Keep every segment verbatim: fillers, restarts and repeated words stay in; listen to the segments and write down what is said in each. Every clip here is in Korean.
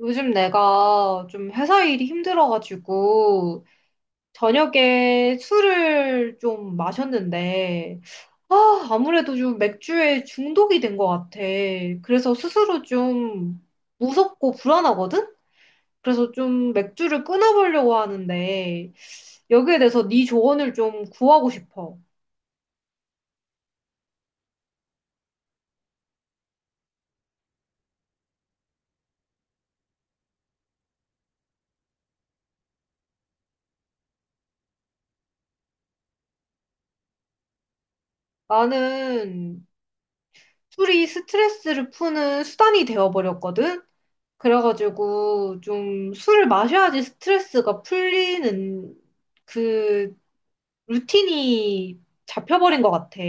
요즘 내가 좀 회사 일이 힘들어가지고 저녁에 술을 좀 마셨는데 아, 아무래도 좀 맥주에 중독이 된 것 같아. 그래서 스스로 좀 무섭고 불안하거든? 그래서 좀 맥주를 끊어보려고 하는데 여기에 대해서 네 조언을 좀 구하고 싶어. 나는 술이 스트레스를 푸는 수단이 되어버렸거든? 그래가지고 좀 술을 마셔야지 스트레스가 풀리는 그 루틴이 잡혀버린 것 같아.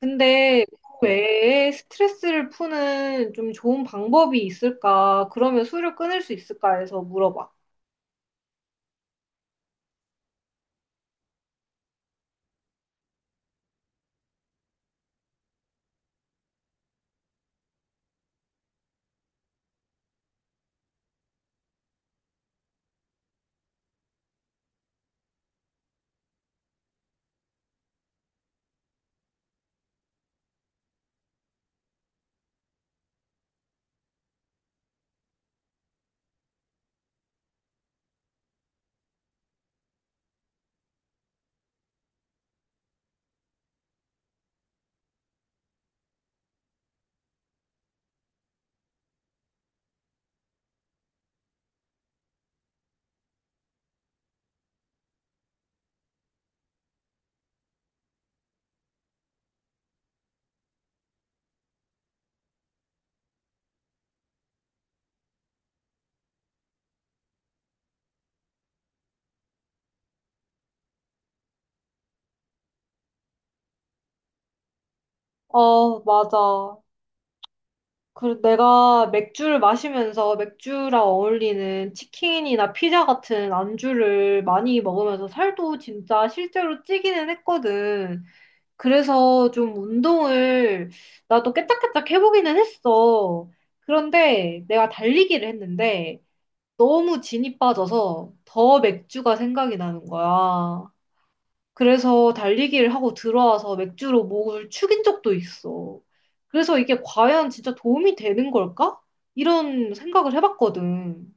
근데 그 외에 스트레스를 푸는 좀 좋은 방법이 있을까? 그러면 술을 끊을 수 있을까 해서 물어봐. 어, 맞아. 그 내가 맥주를 마시면서 맥주랑 어울리는 치킨이나 피자 같은 안주를 많이 먹으면서 살도 진짜 실제로 찌기는 했거든. 그래서 좀 운동을 나도 깨짝깨짝 해보기는 했어. 그런데 내가 달리기를 했는데 너무 진이 빠져서 더 맥주가 생각이 나는 거야. 그래서 달리기를 하고 들어와서 맥주로 목을 축인 적도 있어. 그래서 이게 과연 진짜 도움이 되는 걸까? 이런 생각을 해봤거든.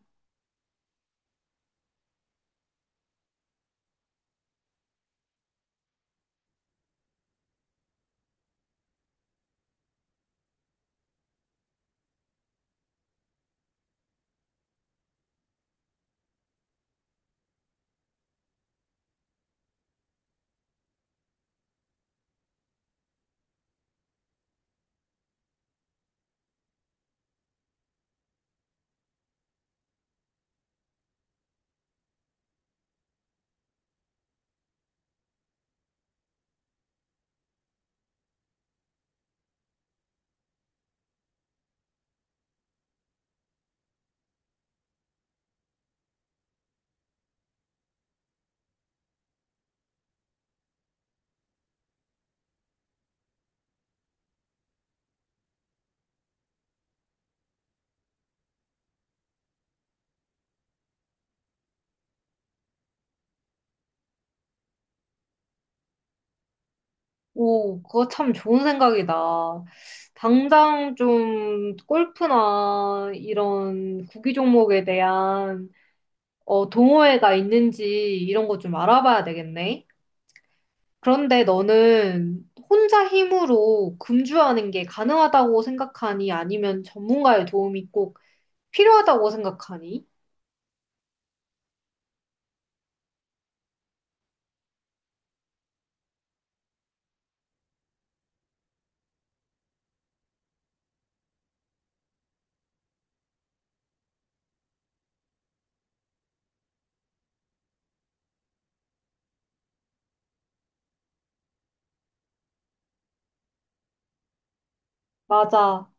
오, 그거 참 좋은 생각이다. 당장 좀 골프나 이런 구기 종목에 대한 어, 동호회가 있는지 이런 거 좀 알아봐야 되겠네. 그런데 너는 혼자 힘으로 금주하는 게 가능하다고 생각하니? 아니면 전문가의 도움이 꼭 필요하다고 생각하니? 맞아.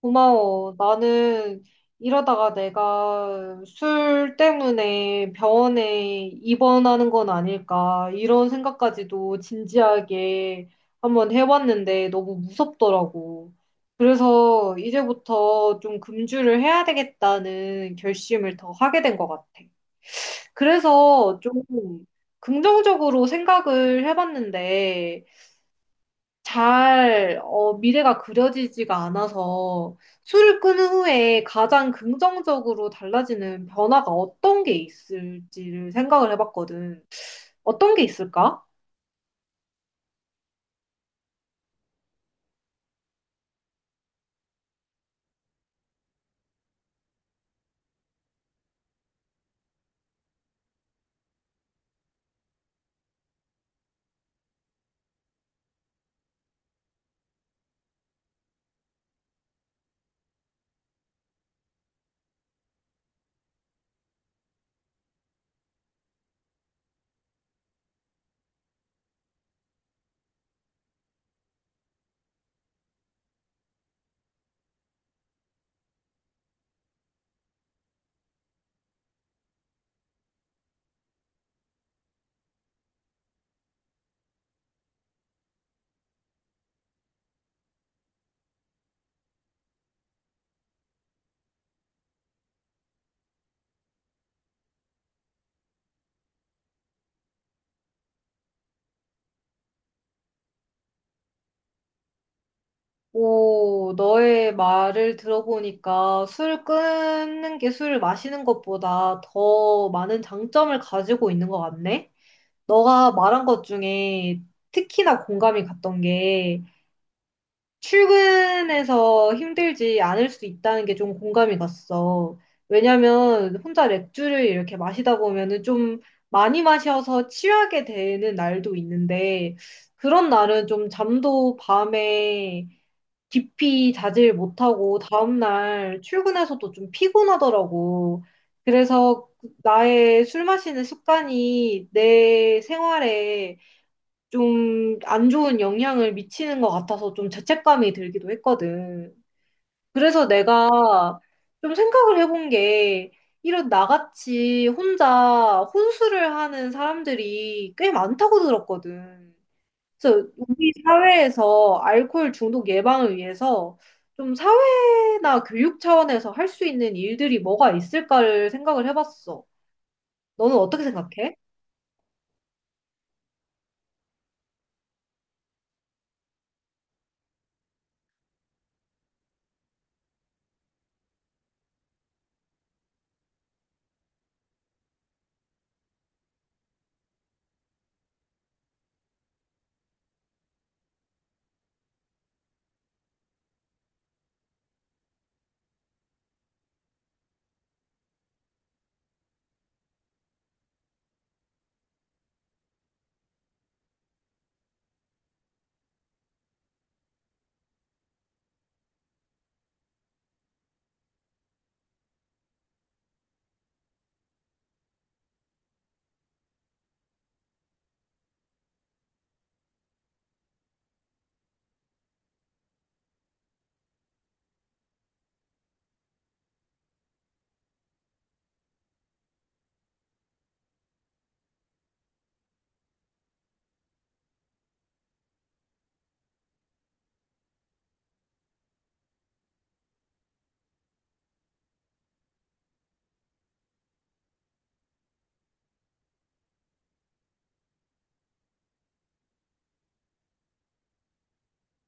고마워. 나는 이러다가 내가 술 때문에 병원에 입원하는 건 아닐까. 이런 생각까지도 진지하게 한번 해봤는데 너무 무섭더라고. 그래서 이제부터 좀 금주를 해야 되겠다는 결심을 더 하게 된 것 같아. 그래서 좀 긍정적으로 생각을 해봤는데, 잘, 어, 미래가 그려지지가 않아서 술을 끊은 후에 가장 긍정적으로 달라지는 변화가 어떤 게 있을지를 생각을 해봤거든. 어떤 게 있을까? 오, 너의 말을 들어보니까 술 끊는 게 술을 마시는 것보다 더 많은 장점을 가지고 있는 것 같네? 너가 말한 것 중에 특히나 공감이 갔던 게 출근해서 힘들지 않을 수 있다는 게 좀 공감이 갔어. 왜냐면 혼자 맥주를 이렇게 마시다 보면은 좀 많이 마셔서 취하게 되는 날도 있는데 그런 날은 좀 잠도 밤에 깊이 자질 못하고 다음날 출근해서도 좀 피곤하더라고. 그래서 나의 술 마시는 습관이 내 생활에 좀 안 좋은 영향을 미치는 것 같아서 좀 죄책감이 들기도 했거든. 그래서 내가 좀 생각을 해본 게 이런 나같이 혼자 혼술을 하는 사람들이 꽤 많다고 들었거든. 그래서 우리 사회에서 알코올 중독 예방을 위해서 좀 사회나 교육 차원에서 할 수 있는 일들이 뭐가 있을까를 생각을 해봤어. 너는 어떻게 생각해?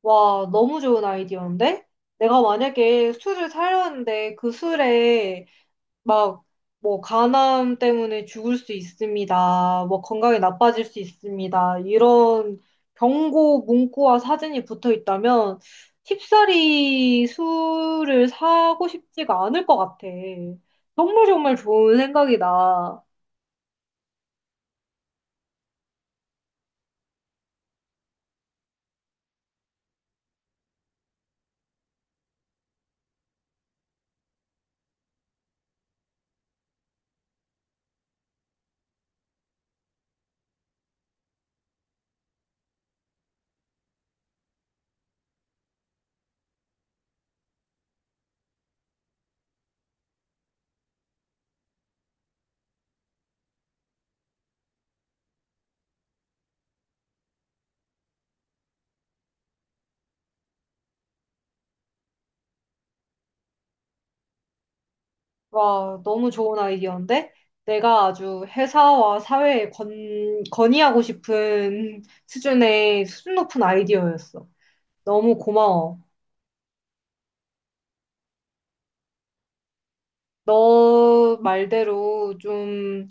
와, 너무 좋은 아이디어인데? 내가 만약에 술을 사려는데 그 술에 막 뭐 간암 때문에 죽을 수 있습니다. 뭐 건강이 나빠질 수 있습니다. 이런 경고 문구와 사진이 붙어 있다면 쉽사리 술을 사고 싶지가 않을 것 같아. 정말 정말 좋은 생각이다. 와, 너무 좋은 아이디어인데? 내가 아주 회사와 사회에 건, 건의하고 싶은 수준의, 수준 높은 아이디어였어. 너무 고마워. 너 말대로 좀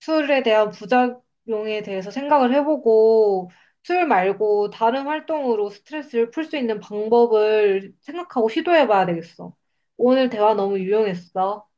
술에 대한 부작용에 대해서 생각을 해보고, 술 말고 다른 활동으로 스트레스를 풀 수 있는 방법을 생각하고 시도해봐야 되겠어. 오늘 대화 너무 유용했어.